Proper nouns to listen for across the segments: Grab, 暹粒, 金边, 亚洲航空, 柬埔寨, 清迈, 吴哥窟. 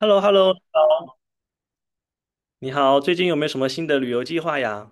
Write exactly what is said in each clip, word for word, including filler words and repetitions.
h e l l o h e l l o。 你好，最近有没有什么新的旅游计划呀？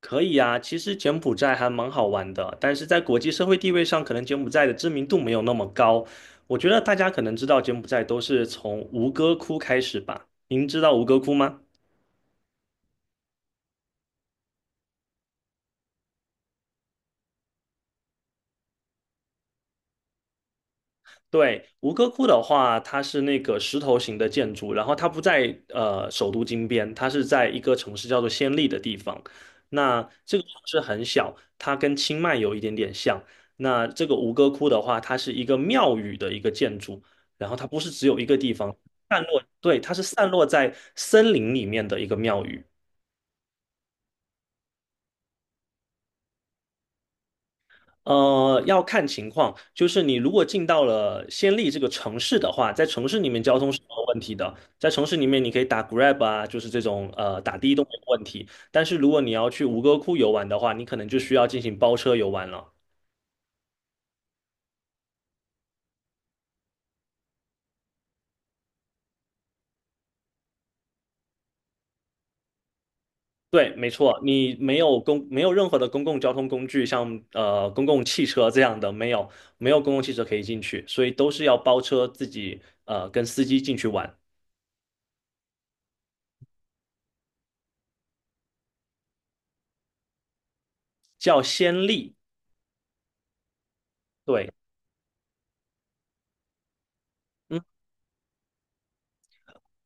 可以呀，其实柬埔寨还蛮好玩的，但是在国际社会地位上，可能柬埔寨的知名度没有那么高。我觉得大家可能知道柬埔寨都是从吴哥窟开始吧？您知道吴哥窟吗？对，吴哥窟的话，它是那个石头型的建筑，然后它不在呃首都金边，它是在一个城市叫做暹粒的地方。那这个城市很小，它跟清迈有一点点像。那这个吴哥窟的话，它是一个庙宇的一个建筑，然后它不是只有一个地方散落，对，它是散落在森林里面的一个庙宇。呃，要看情况，就是你如果进到了暹粒这个城市的话，在城市里面交通是没有问题的，在城市里面你可以打 Grab 啊，就是这种呃打的都没有问题。但是如果你要去吴哥窟游玩的话，你可能就需要进行包车游玩了。对，没错，你没有公没有任何的公共交通工具，像呃公共汽车这样的，没有没有公共汽车可以进去，所以都是要包车自己呃跟司机进去玩，叫暹粒。对。嗯。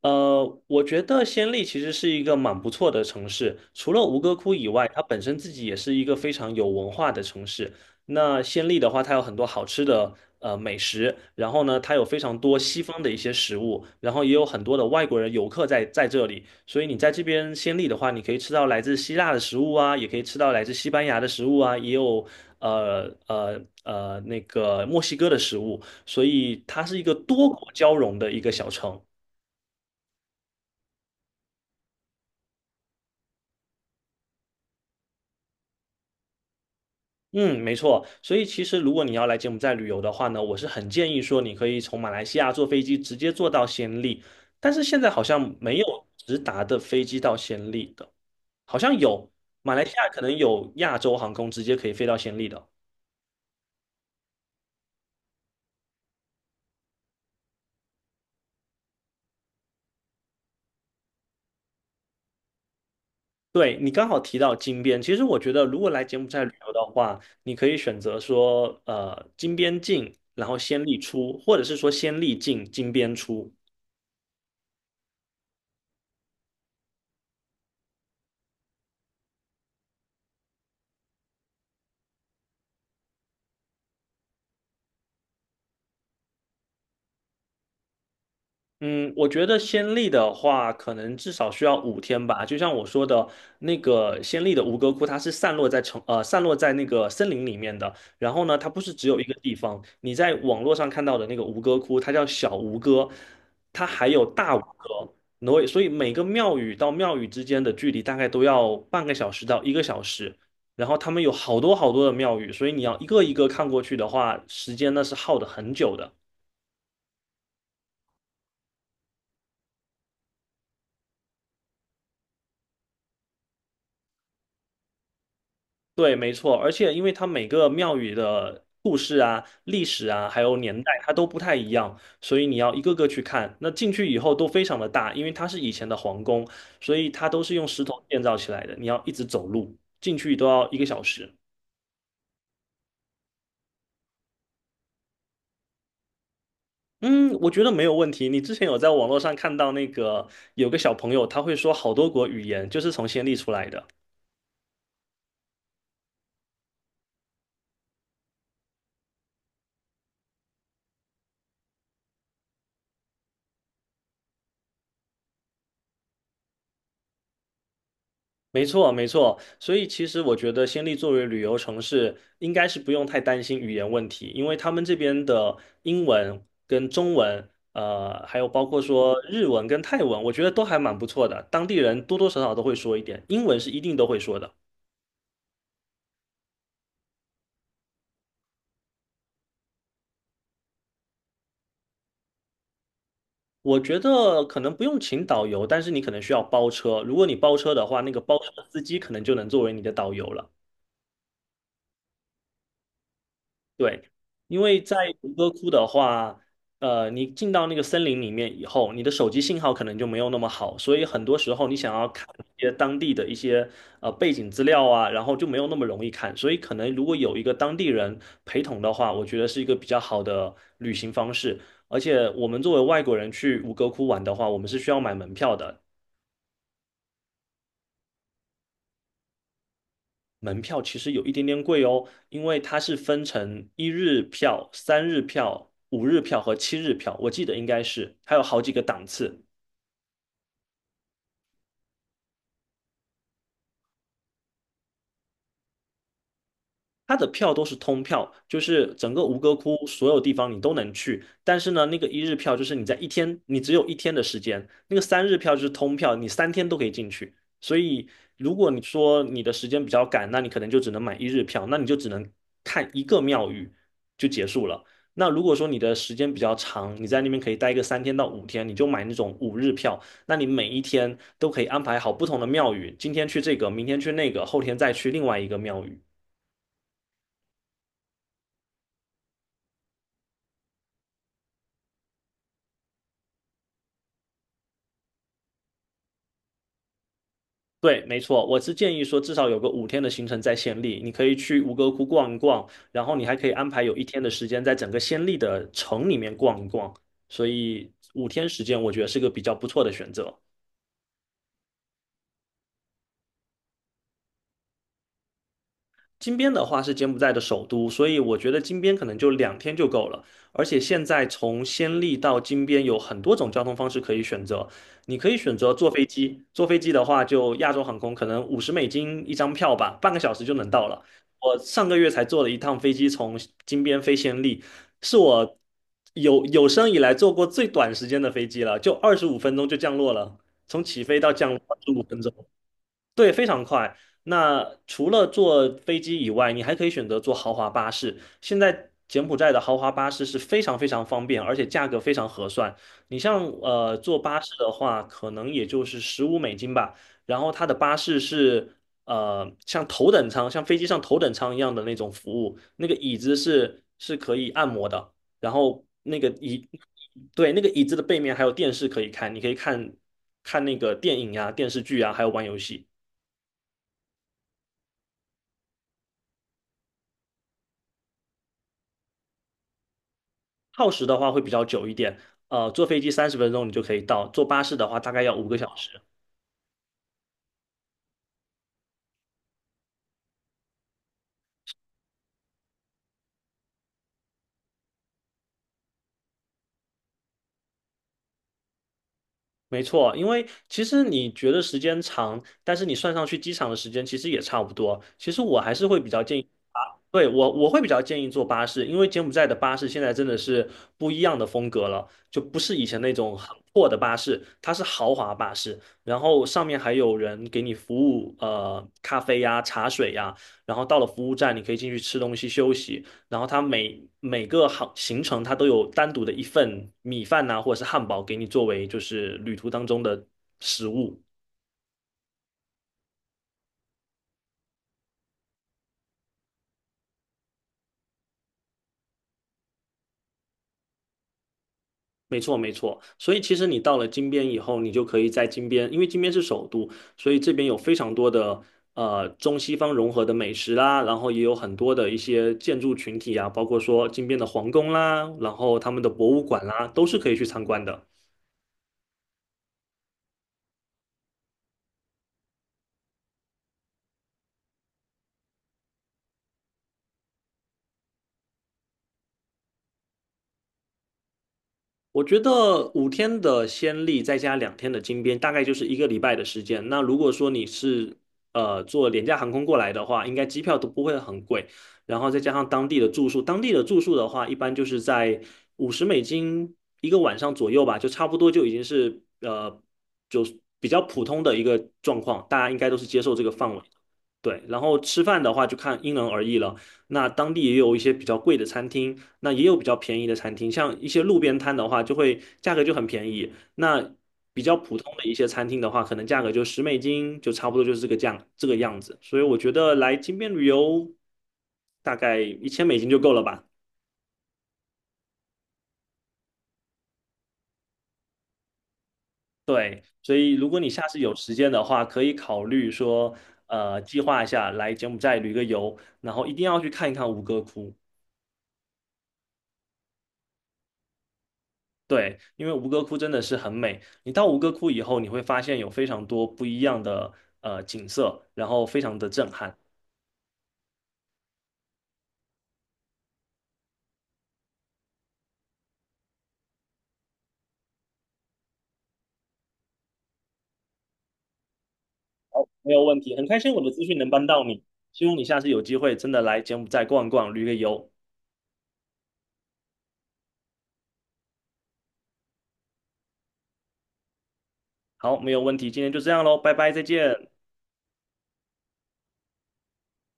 呃，我觉得暹粒其实是一个蛮不错的城市，除了吴哥窟以外，它本身自己也是一个非常有文化的城市。那暹粒的话，它有很多好吃的呃美食，然后呢，它有非常多西方的一些食物，然后也有很多的外国人游客在在这里，所以你在这边暹粒的话，你可以吃到来自希腊的食物啊，也可以吃到来自西班牙的食物啊，也有呃呃呃那个墨西哥的食物，所以它是一个多国交融的一个小城。嗯，没错。所以其实如果你要来柬埔寨旅游的话呢，我是很建议说你可以从马来西亚坐飞机直接坐到暹粒，但是现在好像没有直达的飞机到暹粒的，好像有马来西亚可能有亚洲航空直接可以飞到暹粒的。对，你刚好提到金边，其实我觉得如果来柬埔寨旅游的话，你可以选择说呃金边进，然后暹粒出，或者是说暹粒进金边出。嗯，我觉得先例的话，可能至少需要五天吧。就像我说的，那个先例的吴哥窟，它是散落在城呃散落在那个森林里面的。然后呢，它不是只有一个地方。你在网络上看到的那个吴哥窟，它叫小吴哥，它还有大吴哥。然后所以每个庙宇到庙宇之间的距离大概都要半个小时到一个小时。然后他们有好多好多的庙宇，所以你要一个一个看过去的话，时间呢是耗的很久的。对，没错，而且因为它每个庙宇的故事啊、历史啊，还有年代，它都不太一样，所以你要一个个去看。那进去以后都非常的大，因为它是以前的皇宫，所以它都是用石头建造起来的。你要一直走路进去都要一个小时。嗯，我觉得没有问题。你之前有在网络上看到那个有个小朋友，他会说好多国语言，就是从暹粒出来的。没错，没错。所以其实我觉得暹粒作为旅游城市，应该是不用太担心语言问题，因为他们这边的英文跟中文，呃，还有包括说日文跟泰文，我觉得都还蛮不错的。当地人多多少少都会说一点，英文是一定都会说的。我觉得可能不用请导游，但是你可能需要包车。如果你包车的话，那个包车司机可能就能作为你的导游了。对，因为在吴哥窟的话，呃，你进到那个森林里面以后，你的手机信号可能就没有那么好，所以很多时候你想要看一些当地的一些呃背景资料啊，然后就没有那么容易看，所以可能如果有一个当地人陪同的话，我觉得是一个比较好的旅行方式。而且我们作为外国人去吴哥窟玩的话，我们是需要买门票的，门票其实有一点点贵哦，因为它是分成一日票、三日票、五日票和七日票，我记得应该是，还有好几个档次。它的票都是通票，就是整个吴哥窟所有地方你都能去。但是呢，那个一日票就是你在一天，你只有一天的时间；那个三日票就是通票，你三天都可以进去。所以，如果你说你的时间比较赶，那你可能就只能买一日票，那你就只能看一个庙宇就结束了。那如果说你的时间比较长，你在那边可以待个三天到五天，你就买那种五日票。那你每一天都可以安排好不同的庙宇，今天去这个，明天去那个，后天再去另外一个庙宇。对，没错，我是建议说至少有个五天的行程在暹粒，你可以去吴哥窟逛一逛，然后你还可以安排有一天的时间在整个暹粒的城里面逛一逛，所以五天时间我觉得是个比较不错的选择。金边的话是柬埔寨的首都，所以我觉得金边可能就两天就够了。而且现在从暹粒到金边有很多种交通方式可以选择，你可以选择坐飞机，坐飞机的话就亚洲航空可能五十美金一张票吧，半个小时就能到了。我上个月才坐了一趟飞机从金边飞暹粒，是我有有生以来坐过最短时间的飞机了，就二十五分钟就降落了，从起飞到降落二十五分钟。对，非常快。那除了坐飞机以外，你还可以选择坐豪华巴士。现在柬埔寨的豪华巴士是非常非常方便，而且价格非常合算。你像呃坐巴士的话，可能也就是十五美金吧。然后它的巴士是呃像头等舱，像飞机上头等舱一样的那种服务，那个椅子是是可以按摩的，然后那个椅，对，那个椅子的背面还有电视可以看，你可以看看那个电影呀、电视剧啊，还有玩游戏。耗时的话会比较久一点，呃，坐飞机三十分钟你就可以到，坐巴士的话大概要五个小时。没错，因为其实你觉得时间长，但是你算上去机场的时间其实也差不多。其实我还是会比较建议啊，对，我我会比较建议坐巴士，因为柬埔寨的巴士现在真的是不一样的风格了，就不是以前那种很破的巴士，它是豪华巴士，然后上面还有人给你服务，呃，咖啡呀、茶水呀，然后到了服务站你可以进去吃东西休息。然后它每每个行行程它都有单独的一份米饭呐、或者是汉堡给你作为就是旅途当中的食物。没错，没错。所以其实你到了金边以后，你就可以在金边，因为金边是首都，所以这边有非常多的呃中西方融合的美食啦，然后也有很多的一些建筑群体啊，包括说金边的皇宫啦，然后他们的博物馆啦，都是可以去参观的。我觉得五天的先例再加两天的金边，大概就是一个礼拜的时间。那如果说你是呃坐廉价航空过来的话，应该机票都不会很贵，然后再加上当地的住宿，当地的住宿的话，一般就是在五十美金一个晚上左右吧，就差不多就已经是呃就比较普通的一个状况，大家应该都是接受这个范围。对，然后吃饭的话就看因人而异了。那当地也有一些比较贵的餐厅，那也有比较便宜的餐厅，像一些路边摊的话，就会价格就很便宜。那比较普通的一些餐厅的话，可能价格就十美金，就差不多就是这个价这个样子。所以我觉得来金边旅游，大概一千美金就够了吧。对，所以如果你下次有时间的话，可以考虑说，呃，计划一下来柬埔寨旅个游，然后一定要去看一看吴哥窟。对，因为吴哥窟真的是很美。你到吴哥窟以后，你会发现有非常多不一样的呃景色，然后非常的震撼。好，没有问题，很开心我的资讯能帮到你，希望你下次有机会真的来柬埔寨逛一逛，旅个游。好，没有问题，今天就这样喽，拜拜，再见。